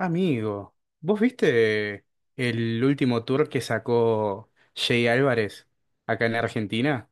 Amigo, ¿vos viste el último tour que sacó Jay Álvarez acá en Argentina?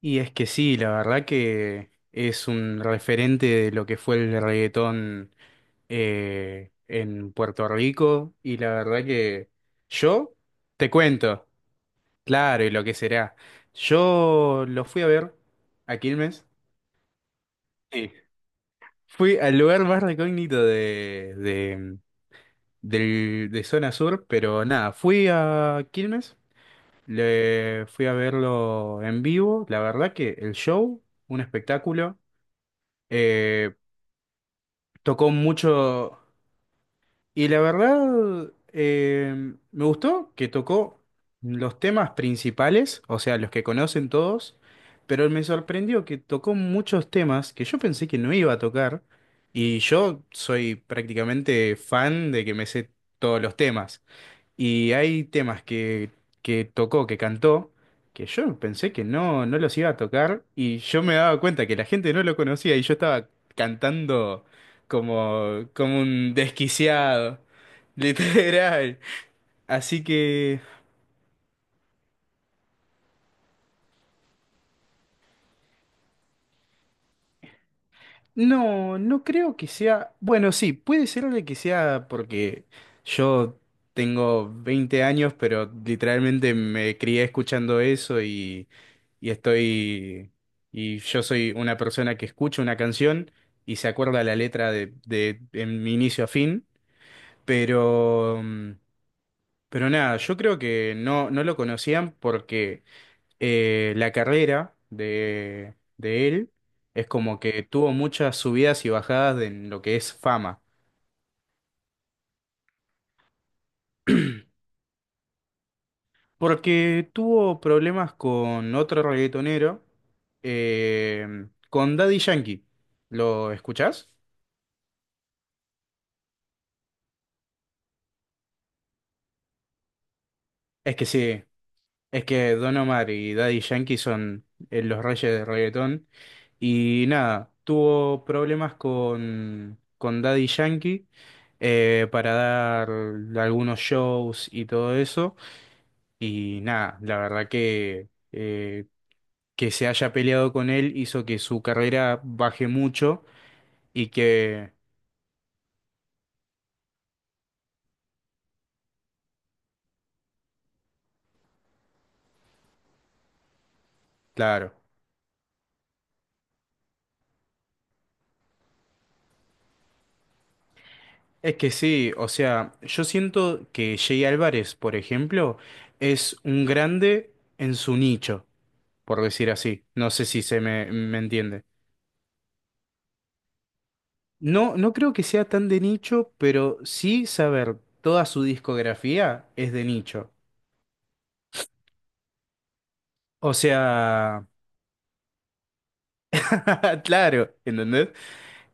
Y es que sí, la verdad que es un referente de lo que fue el reggaetón en Puerto Rico y la verdad que yo te cuento, claro, y lo que será. Yo lo fui a ver a Quilmes. Sí. Fui al lugar más recógnito de zona sur, pero nada, fui a Quilmes, le fui a verlo en vivo, la verdad que el show, un espectáculo, eh, tocó mucho y la verdad me gustó que tocó los temas principales, o sea, los que conocen todos, pero me sorprendió que tocó muchos temas que yo pensé que no iba a tocar y yo soy prácticamente fan de que me sé todos los temas. Y hay temas que tocó, que cantó, que yo pensé que no los iba a tocar y yo me daba cuenta que la gente no lo conocía y yo estaba cantando como un desquiciado, literal. Así que no, no creo que sea. Bueno, sí, puede ser de que sea porque yo tengo 20 años, pero literalmente me crié escuchando eso y estoy. Y yo soy una persona que escucha una canción y se acuerda la letra de en mi inicio a fin. Pero. mm, Pero nada, yo creo que no lo conocían porque la carrera de él es como que tuvo muchas subidas y bajadas en lo que es fama. Porque tuvo problemas con otro reggaetonero, con Daddy Yankee. ¿Lo escuchás? Es que sí. Es que Don Omar y Daddy Yankee son los reyes del reggaetón. Y nada, tuvo problemas con Daddy Yankee para dar algunos shows y todo eso. Y nada, la verdad que se haya peleado con él hizo que su carrera baje mucho y que, claro. Es que sí, o sea, yo siento que Jay Álvarez, por ejemplo, es un grande en su nicho, por decir así. No sé si se me entiende. No, no creo que sea tan de nicho, pero sí saber toda su discografía es de nicho. O sea, claro, ¿entendés?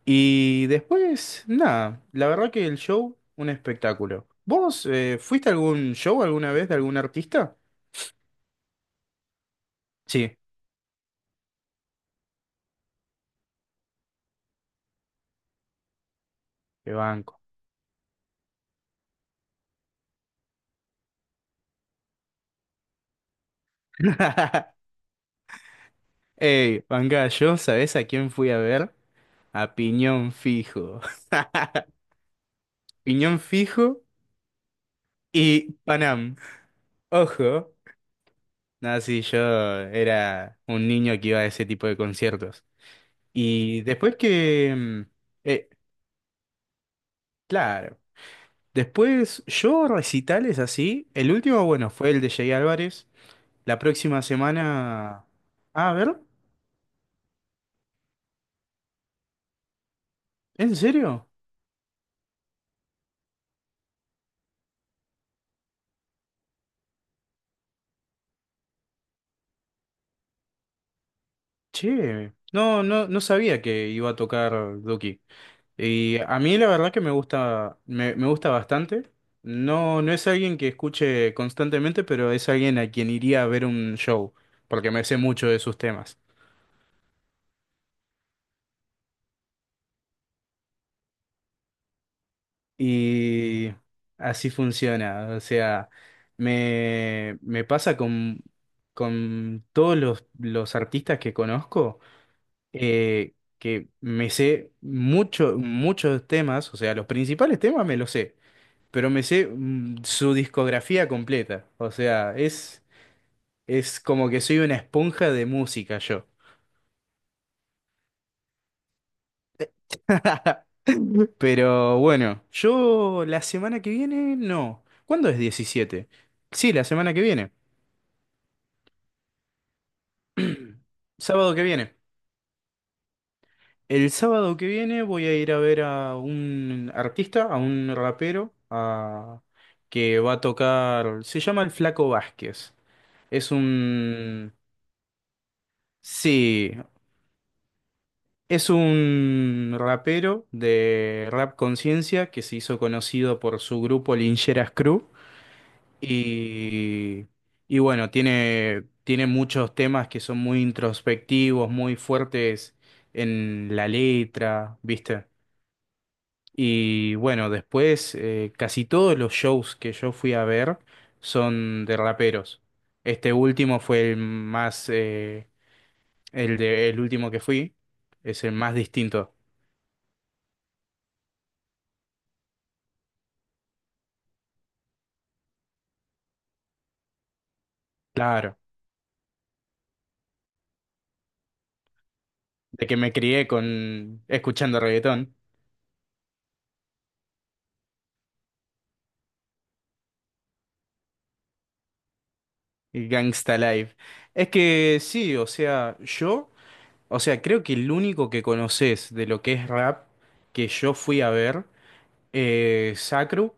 Y después, nada, la verdad que el show, un espectáculo. ¿Vos fuiste a algún show alguna vez de algún artista? Sí, qué banco. Ey, manga, yo, ¿sabés a quién fui a ver? A Piñón Fijo. Piñón Fijo y Panam. Ojo. Nada, sí, yo era un niño que iba a ese tipo de conciertos. Y después eh, claro. Después yo recitales así. El último, bueno, fue el de Jay Álvarez. La próxima semana... Ah, a ver. ¿En serio? Che. No, no, no sabía que iba a tocar Duki. Y a mí la verdad que me gusta, me gusta bastante. No, no es alguien que escuche constantemente, pero es alguien a quien iría a ver un show, porque me sé mucho de sus temas. Y así funciona. O sea, me pasa con todos los artistas que conozco, que me sé muchos temas, o sea, los principales temas me los sé. Pero me sé su discografía completa. O sea, es como que soy una esponja de música yo. Pero bueno, yo la semana que viene, no. ¿Cuándo es 17? Sí, la semana que viene. Sábado que viene. El sábado que viene voy a ir a ver a un artista, a un rapero, que va a tocar. Se llama El Flaco Vázquez. Es un... Sí, es un rapero de Rap Conciencia que se hizo conocido por su grupo Lincheras Crew. Y, y bueno, tiene muchos temas que son muy introspectivos, muy fuertes en la letra, ¿viste? Y bueno, después casi todos los shows que yo fui a ver son de raperos. Este último fue el último que fui, es el más distinto, claro. De que me crié con escuchando reggaetón y Gangsta Live. Es que sí, o sea, creo que el único que conoces de lo que es rap que yo fui a ver Sacru,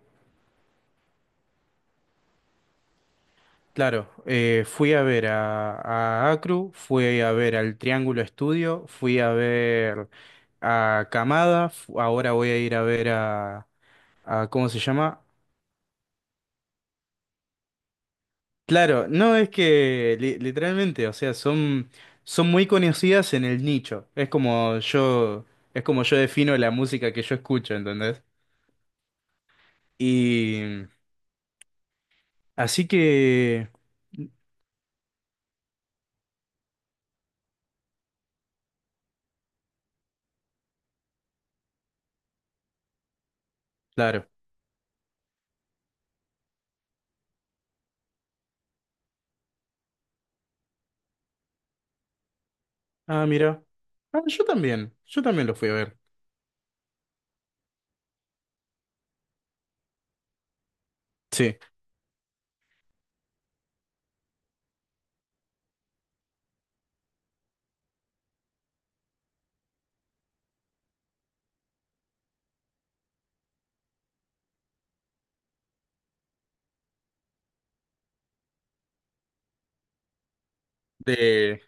claro, fui a ver a Acru, fui a ver al Triángulo Estudio, fui a ver a Camada, ahora voy a ir a ver a, ¿cómo se llama? Claro, no es que literalmente, o sea, son muy conocidas en el nicho. Es como yo defino la música que yo escucho, ¿entendés? Y así que, claro. Ah, mira. Ah, yo también lo fui a ver. Sí. De,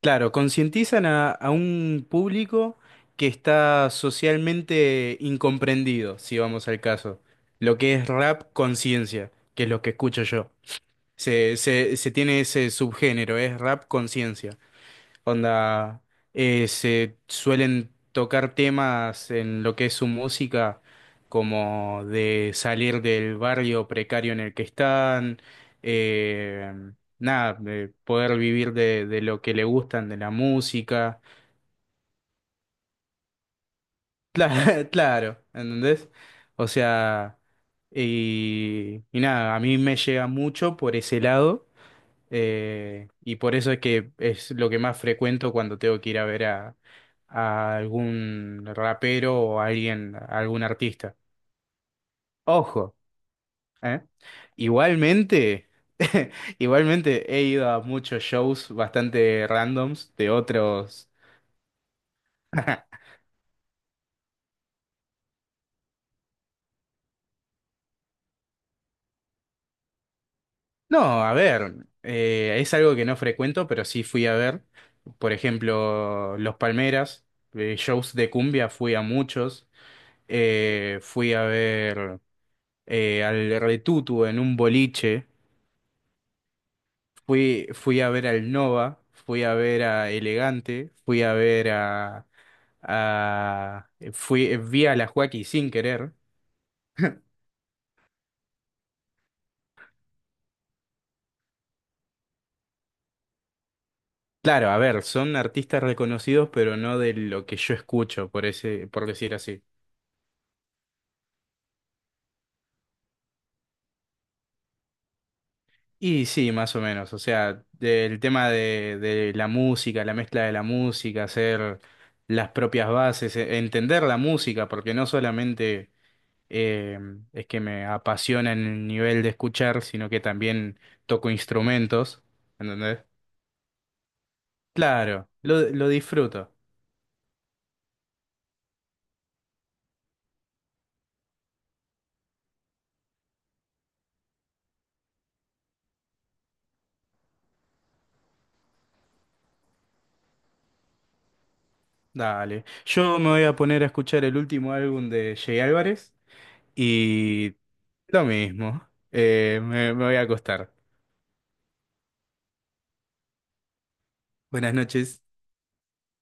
claro, concientizan a un público que está socialmente incomprendido, si vamos al caso. Lo que es rap conciencia, que es lo que escucho yo. Se tiene ese subgénero, es rap conciencia. Onda, se suelen tocar temas en lo que es su música, como de salir del barrio precario en el que están, eh, nada, de poder vivir de lo que le gustan, de la música. Claro, claro, ¿entendés? O sea, y nada, a mí me llega mucho por ese lado. Y por eso es que es lo que más frecuento cuando tengo que ir a ver a algún rapero o a alguien, a algún artista. Ojo, ¿eh? Igualmente, igualmente he ido a muchos shows bastante randoms de otros. No, a ver, es algo que no frecuento, pero sí fui a ver. Por ejemplo, Los Palmeras, shows de cumbia, fui a muchos. Fui a ver al Retutu en un boliche, fui a ver al Nova, fui a ver a Elegante, fui a ver a fui, vi a la Joaquín sin querer. Claro, a ver, son artistas reconocidos, pero no de lo que yo escucho, por decir así. Y sí, más o menos. O sea, del tema de la música, la mezcla de la música, hacer las propias bases, entender la música, porque no solamente eh, es que me apasiona en el nivel de escuchar, sino que también toco instrumentos, ¿entendés? Claro, lo disfruto. Dale. Yo me voy a poner a escuchar el último álbum de Jay Álvarez y lo mismo. Me voy a acostar. Buenas noches.